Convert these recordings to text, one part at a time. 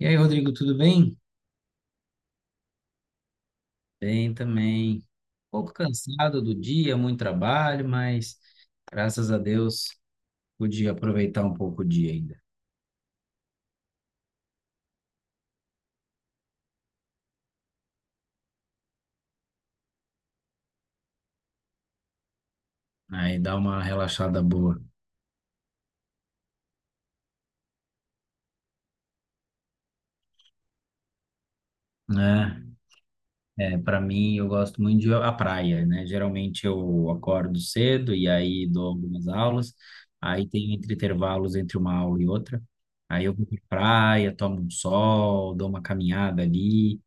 E aí, Rodrigo, tudo bem? Bem também. Um pouco cansado do dia, muito trabalho, mas graças a Deus pude aproveitar um pouco o dia ainda, né? E dar uma relaxada boa, né? É, para mim, eu gosto muito de ir à praia, né? Geralmente eu acordo cedo e aí dou algumas aulas, aí tem entre intervalos entre uma aula e outra. Aí eu vou pra praia, tomo um sol, dou uma caminhada ali,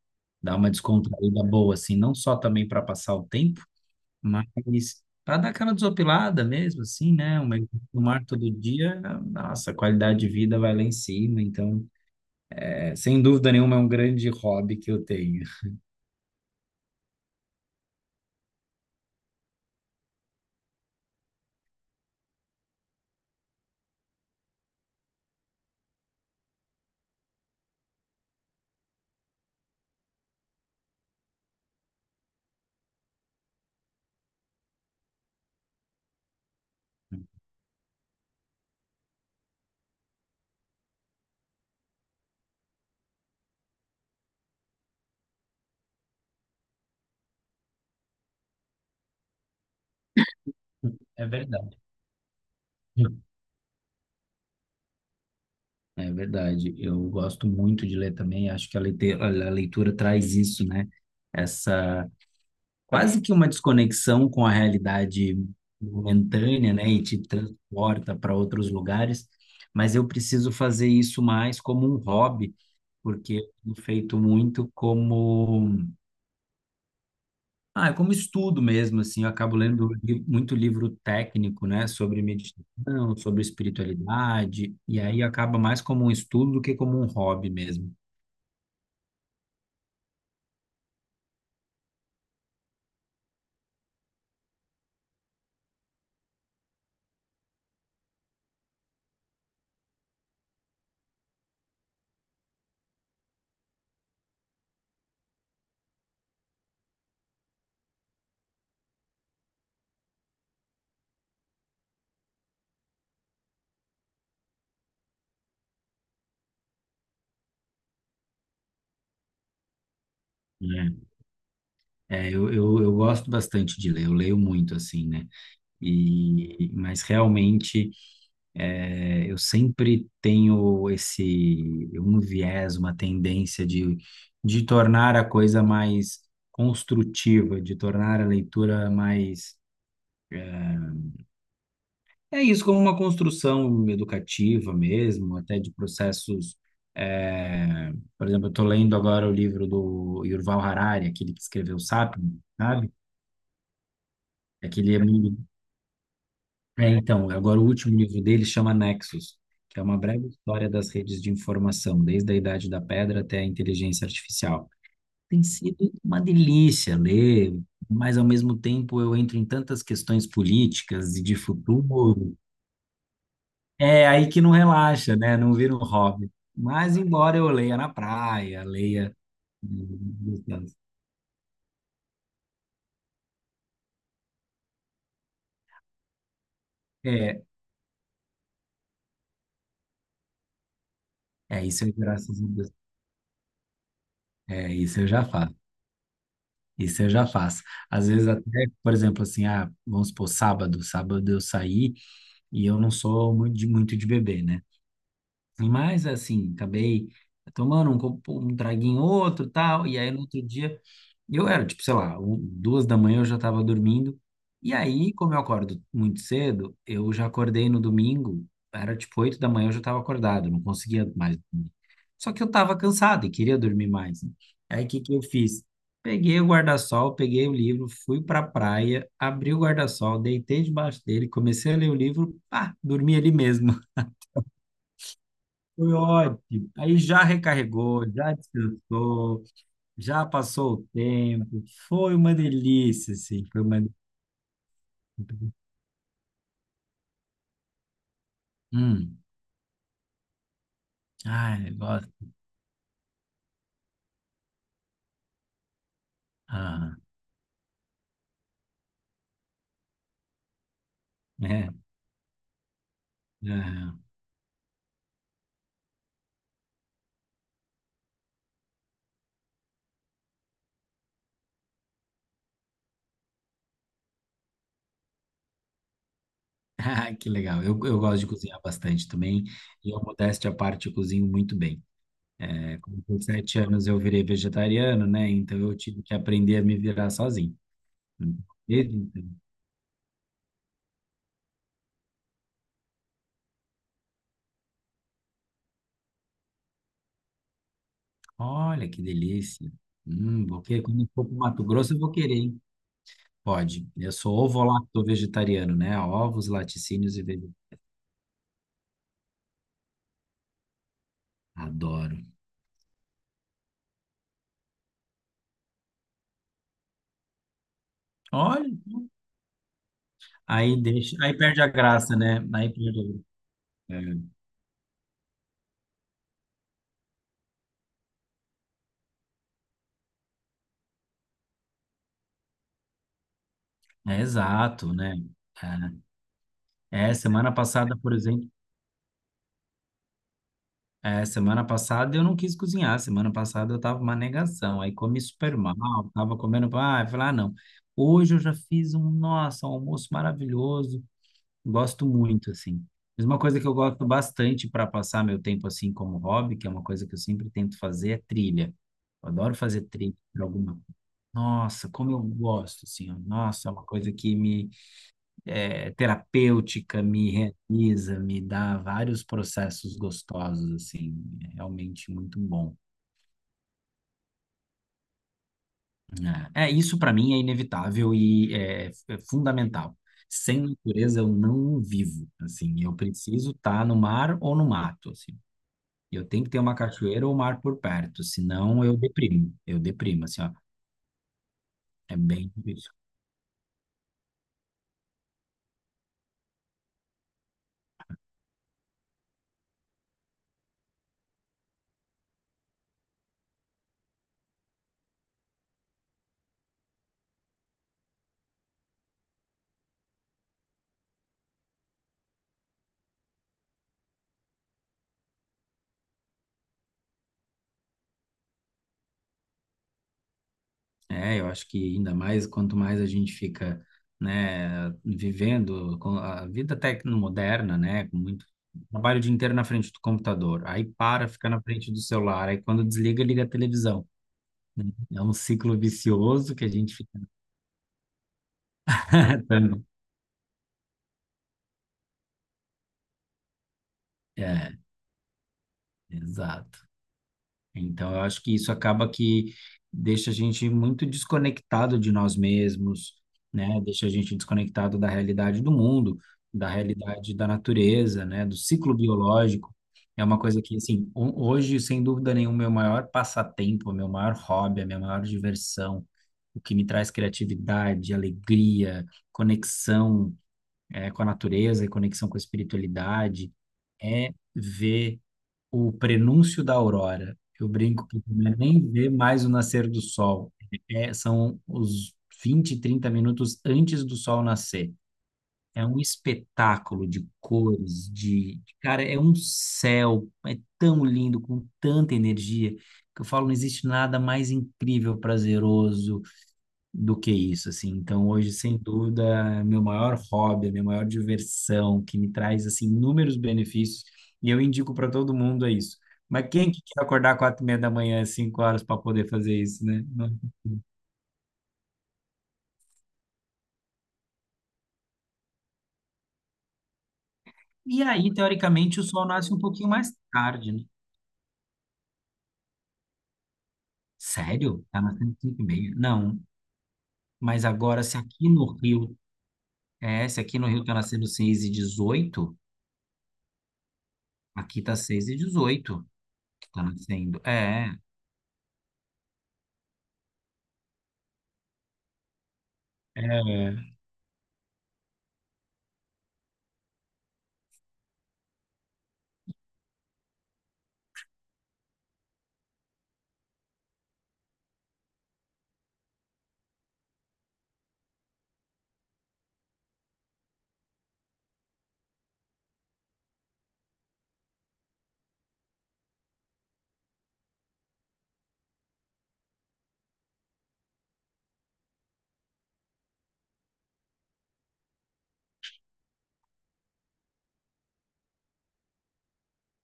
dá uma descontraída boa, assim, não só também para passar o tempo, mas para dar aquela desopilada mesmo, assim, né? No mar todo dia, nossa, a qualidade de vida vai lá em cima. Então, é, sem dúvida nenhuma, é um grande hobby que eu tenho. É verdade. É verdade. Eu gosto muito de ler também. Acho que a leitura traz isso, né? Essa quase que uma desconexão com a realidade momentânea, né? E te transporta para outros lugares. Mas eu preciso fazer isso mais como um hobby porque eu tenho feito muito como, ah, como estudo mesmo, assim, eu acabo lendo muito livro técnico, né, sobre meditação, sobre espiritualidade, e aí acaba mais como um estudo do que como um hobby mesmo, né? É, eu gosto bastante de ler, eu leio muito, assim, né? E, mas realmente é, eu sempre tenho esse um viés, uma tendência de tornar a coisa mais construtiva, de tornar a leitura mais. É isso, como uma construção educativa mesmo, até de processos. É, por exemplo, eu estou lendo agora o livro do Yuval Harari, aquele que escreveu Sapiens, sabe? Aquele amigo. É, então, agora o último livro dele chama Nexus, que é uma breve história das redes de informação, desde a Idade da Pedra até a inteligência artificial. Tem sido uma delícia ler, mas ao mesmo tempo eu entro em tantas questões políticas e de futuro. É aí que não relaxa, né? Não vira um hobby. Mas embora eu leia na praia, leia. É, é isso eu graças a Deus. É isso eu já faço. Isso eu já faço. Às vezes até, por exemplo, assim, ah, vamos supor, sábado, sábado eu saí e eu não sou muito de beber, né? Mas assim, acabei tomando um traguinho outro, tal, e aí no outro dia e eu era, tipo, sei lá, 2 da manhã eu já estava dormindo. E aí, como eu acordo muito cedo, eu já acordei no domingo, era tipo 8 da manhã eu já estava acordado, eu não conseguia mais dormir. Só que eu estava cansado e queria dormir mais, né? Aí o que que eu fiz? Peguei o guarda-sol, peguei o livro, fui para a praia, abri o guarda-sol, deitei debaixo dele, comecei a ler o livro, pá, dormi ali mesmo. Foi ótimo. Aí já recarregou, já descansou. Já passou o tempo, foi uma delícia, sim, foi uma. Delícia. Hum, ai, gosto. Ah, é, ah, ah, que legal. Eu gosto de cozinhar bastante também, e eu, modéstia à parte, eu cozinho muito bem. É, com 17 anos eu virei vegetariano, né? Então eu tive que aprender a me virar sozinho. Desde então. Olha que delícia. Vou querer, quando eu for para Mato Grosso, eu vou querer, hein? Pode. Eu sou ovo-lacto vegetariano, né? Ovos, laticínios e vegetais. Adoro. Olha, aí deixa, aí perde a graça, né? Aí perde a graça. É, exato, né? É, é, semana passada, por exemplo, é, semana passada eu não quis cozinhar, semana passada eu tava uma negação, aí comi super mal, tava comendo, ah, eu falei, ah, não. Hoje eu já fiz um, nossa, um almoço maravilhoso, gosto muito, assim. Mas uma coisa que eu gosto bastante para passar meu tempo assim como hobby, que é uma coisa que eu sempre tento fazer, é trilha. Eu adoro fazer trilha para alguma. Nossa, como eu gosto, assim, ó, nossa, é uma coisa que me é terapêutica, me realiza, me dá vários processos gostosos, assim, é realmente muito bom. É, é, isso para mim é inevitável e é, é fundamental. Sem natureza eu não vivo, assim, eu preciso estar no mar ou no mato, assim. Eu tenho que ter uma cachoeira ou um mar por perto, senão eu deprimo, assim, ó, é bem difícil. É, eu acho que ainda mais quanto mais a gente fica, né, vivendo com a vida tecnomoderna, né, com muito trabalho o dia inteiro na frente do computador, aí para, fica na frente do celular, aí quando desliga, liga a televisão, né? É um ciclo vicioso que a gente fica. tratando. É, exato. Então, eu acho que isso acaba que deixa a gente muito desconectado de nós mesmos, né? Deixa a gente desconectado da realidade do mundo, da realidade da natureza, né? Do ciclo biológico. É uma coisa que, assim, hoje, sem dúvida nenhuma, meu maior passatempo, meu maior hobby, a minha maior diversão, o que me traz criatividade, alegria, conexão, com a natureza e conexão com a espiritualidade, é ver o prenúncio da aurora. Eu brinco que não é nem ver mais o nascer do sol. É, são os 20, 30 minutos antes do sol nascer. É um espetáculo de cores, de... Cara, é um céu, é tão lindo, com tanta energia, que eu falo, não existe nada mais incrível, prazeroso, do que isso, assim. Então, hoje, sem dúvida, é meu maior hobby, é minha maior diversão, que me traz, assim, inúmeros benefícios, e eu indico para todo mundo é isso. Mas quem que quer acordar 4:30 da manhã, 5 horas, para poder fazer isso, né? Não. E aí, teoricamente, o sol nasce um pouquinho mais tarde, né? Sério? Tá nascendo 5:30? Não. Mas agora, se aqui no Rio, é, se aqui no Rio tá nascendo 6:18, aqui tá 6:18 que tá nascendo. É, é.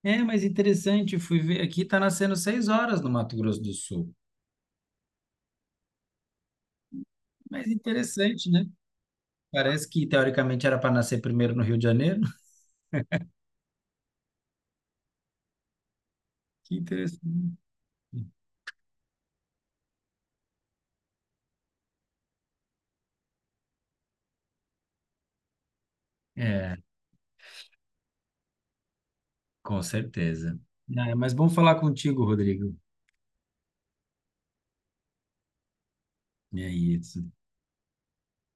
É, mas interessante, fui ver aqui, está nascendo 6 horas no Mato Grosso do Sul. Mas interessante, né? Parece que teoricamente era para nascer primeiro no Rio de Janeiro. Que interessante. É, com certeza. Ah, é, mas bom falar contigo, Rodrigo. É isso.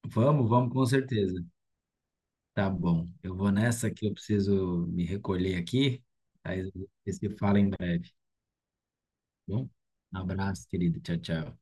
Vamos, vamos, com certeza. Tá bom. Eu vou nessa que eu preciso me recolher aqui. Aí você fala em breve. Tá. Bom, um abraço, querido. Tchau, tchau.